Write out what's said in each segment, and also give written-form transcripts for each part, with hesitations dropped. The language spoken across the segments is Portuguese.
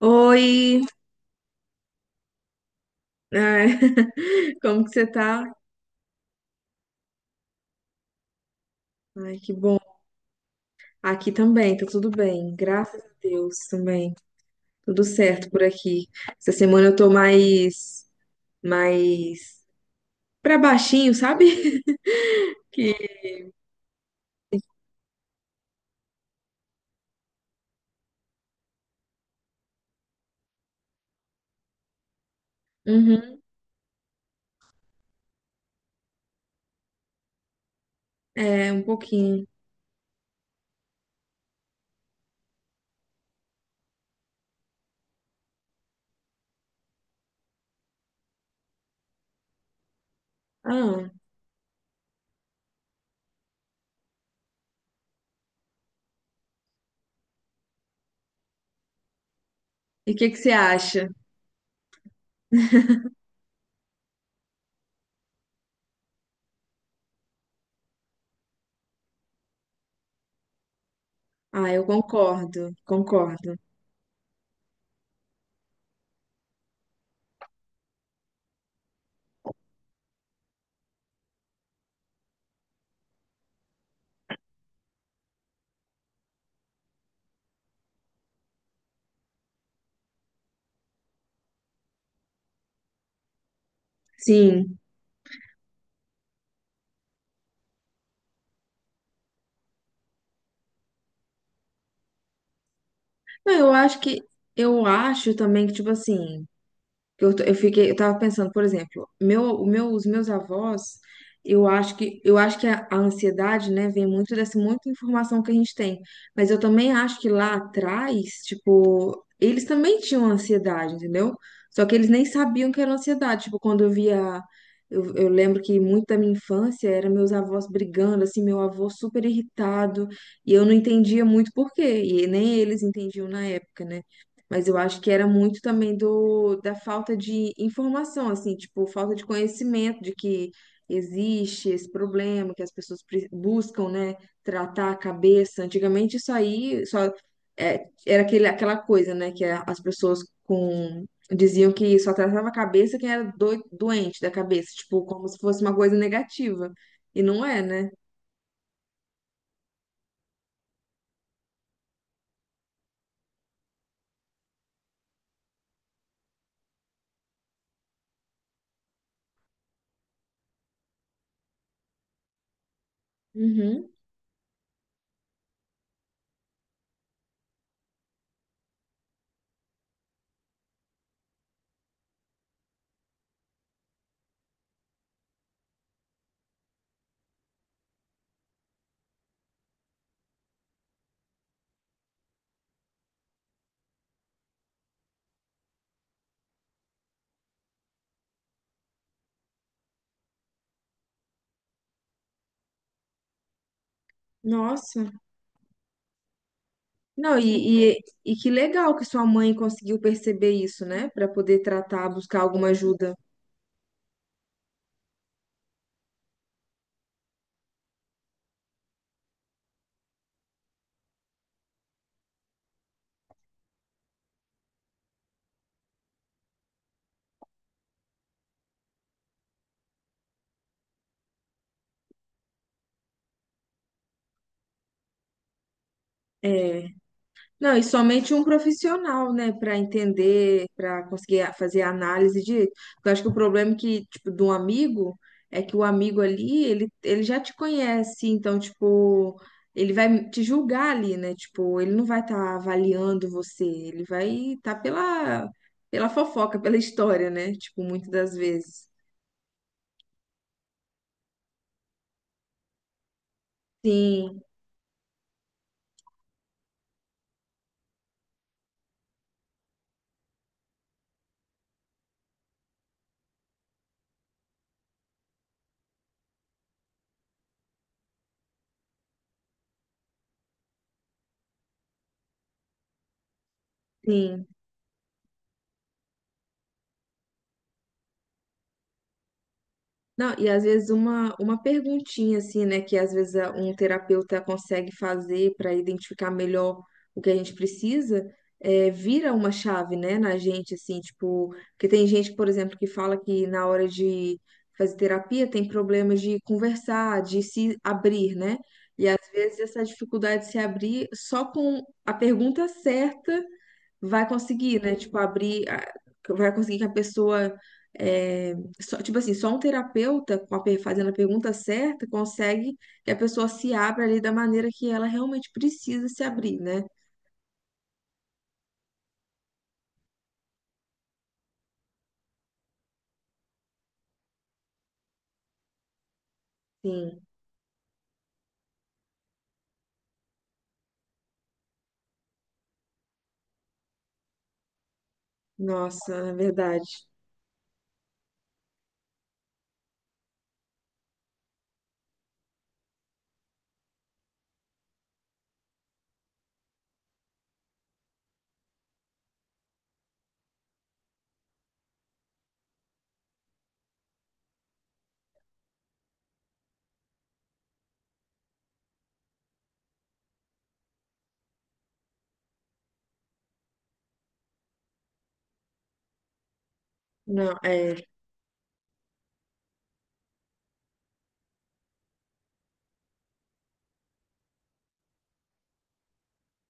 Oi, ai, como que você tá? Ai, que bom. Aqui também, tá tudo bem, graças a Deus também, tudo certo por aqui. Essa semana eu tô mais pra baixinho, sabe? Que, uhum, é, um pouquinho. Ah, e o que que você acha? Ah, eu concordo, concordo. Sim. Não, eu acho que, eu acho também que, tipo assim, que Eu, t- eu fiquei, eu tava pensando, por exemplo, os meus avós, eu acho que a ansiedade, né, vem muito dessa muita informação que a gente tem. Mas eu também acho que lá atrás, tipo, eles também tinham ansiedade, entendeu? Só que eles nem sabiam que era ansiedade. Tipo, quando eu lembro que muito da minha infância era meus avós brigando, assim, meu avô super irritado, e eu não entendia muito por quê, e nem eles entendiam na época, né? Mas eu acho que era muito também da falta de informação, assim, tipo, falta de conhecimento de que existe esse problema, que as pessoas buscam, né, tratar a cabeça. Antigamente isso aí só era aquela coisa, né, que as pessoas com diziam que só tratava a cabeça quem era doente da cabeça, tipo, como se fosse uma coisa negativa. E não é, né? Uhum. Nossa. Não, e que legal que sua mãe conseguiu perceber isso, né? Pra poder tratar, buscar alguma ajuda. É. Não, e somente um profissional, né, pra entender, pra conseguir fazer a análise direito. Porque eu acho que o problema é que, tipo, de um amigo é que o amigo ali, ele já te conhece, então, tipo, ele vai te julgar ali, né? Tipo, ele não vai estar avaliando você, ele vai estar pela, fofoca, pela história, né? Tipo, muitas das vezes. Sim, sim. Não, e às vezes uma perguntinha assim, né, que às vezes um terapeuta consegue fazer para identificar melhor o que a gente precisa, vira uma chave, né, na gente, assim, tipo, porque tem gente, por exemplo, que fala que na hora de fazer terapia tem problemas de conversar, de se abrir, né? E às vezes essa dificuldade de se abrir só com a pergunta certa vai conseguir, né? Tipo, abrir, vai conseguir que a pessoa, é, tipo assim, só um terapeuta com a fazendo a pergunta certa consegue que a pessoa se abra ali da maneira que ela realmente precisa se abrir, né? Sim, nossa, é verdade. Não, é,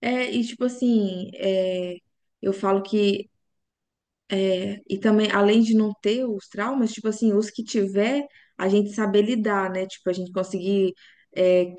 é, e tipo assim, é, eu falo que É, e também, além de não ter os traumas, tipo assim, os que tiver, a gente saber lidar, né? Tipo, a gente conseguir é,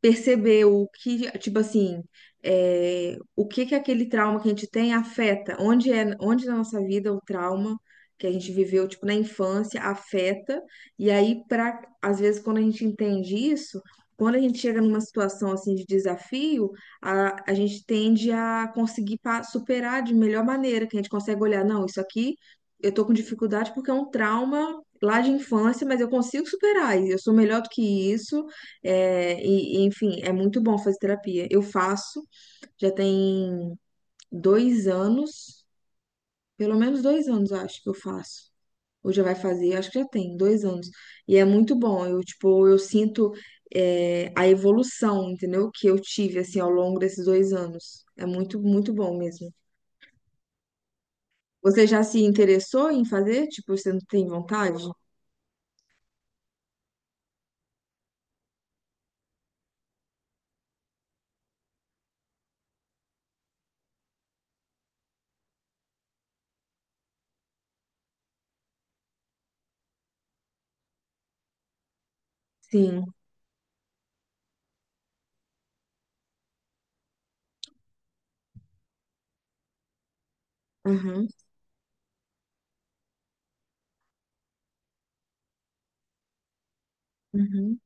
perceber o que, tipo assim, o que que aquele trauma que a gente tem afeta, onde na nossa vida o trauma que a gente viveu, tipo, na infância afeta, e aí, às vezes, quando a gente entende isso, quando a gente chega numa situação, assim, de desafio, a gente tende a conseguir superar de melhor maneira, que a gente consegue olhar, não, isso aqui eu tô com dificuldade porque é um trauma lá de infância, mas eu consigo superar, e eu sou melhor do que isso, enfim, é muito bom fazer terapia. Eu faço, já tem 2 anos, pelo menos 2 anos, eu acho que eu faço. Ou já vai fazer, acho que já tem 2 anos. E é muito bom. Eu, tipo, eu sinto a evolução, entendeu? Que eu tive, assim, ao longo desses 2 anos. É muito, muito bom mesmo. Você já se interessou em fazer? Tipo, você não tem vontade? Sim. Aham. Uhum.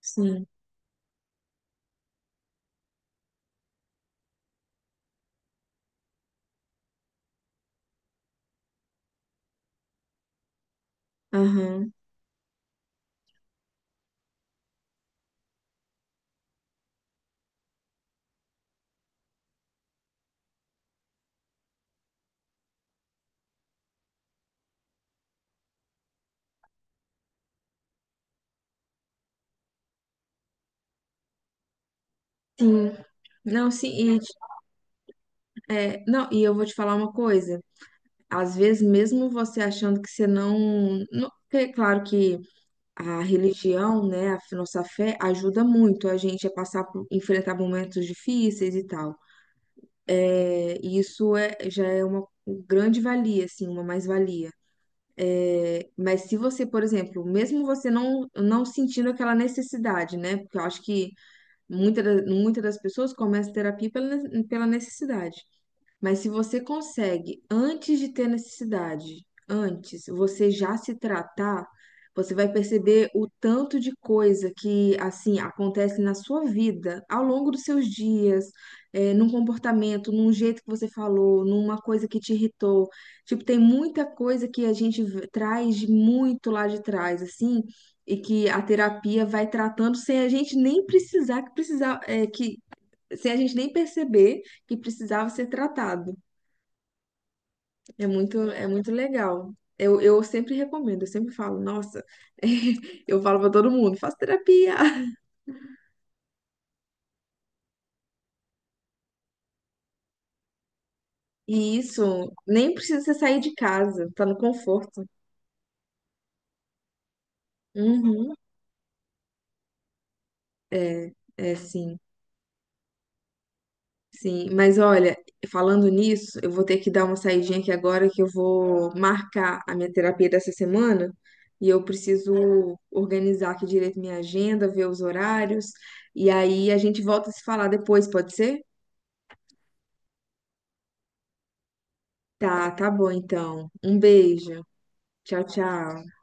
Sim. Aham. Sim. Não, sim. E, não, e eu vou te falar uma coisa. Às vezes, mesmo você achando que você é claro que a religião, né, a nossa fé ajuda muito a gente a passar por enfrentar momentos difíceis e tal. É, e isso já é uma grande valia, assim, uma mais-valia. É, mas se você, por exemplo, mesmo você não sentindo aquela necessidade, né? Porque eu acho que muitas das pessoas começam terapia pela necessidade. Mas se você consegue, antes de ter necessidade, antes, você já se tratar, você vai perceber o tanto de coisa que, assim, acontece na sua vida, ao longo dos seus dias, num comportamento, num jeito que você falou, numa coisa que te irritou. Tipo, tem muita coisa que a gente traz de muito lá de trás, assim, e que a terapia vai tratando sem a gente nem precisar, que precisar, eh, que, sem a gente nem perceber que precisava ser tratado. É muito legal. Eu sempre recomendo, eu sempre falo, nossa, eu falo pra todo mundo, faça terapia. E isso, nem precisa você sair de casa, tá no conforto. Uhum. É, é sim, sim. Mas olha, falando nisso, eu vou ter que dar uma saidinha aqui agora que eu vou marcar a minha terapia dessa semana e eu preciso organizar aqui direito minha agenda, ver os horários e aí a gente volta a se falar depois, pode ser? Tá, tá bom então. Um beijo. Tchau, tchau.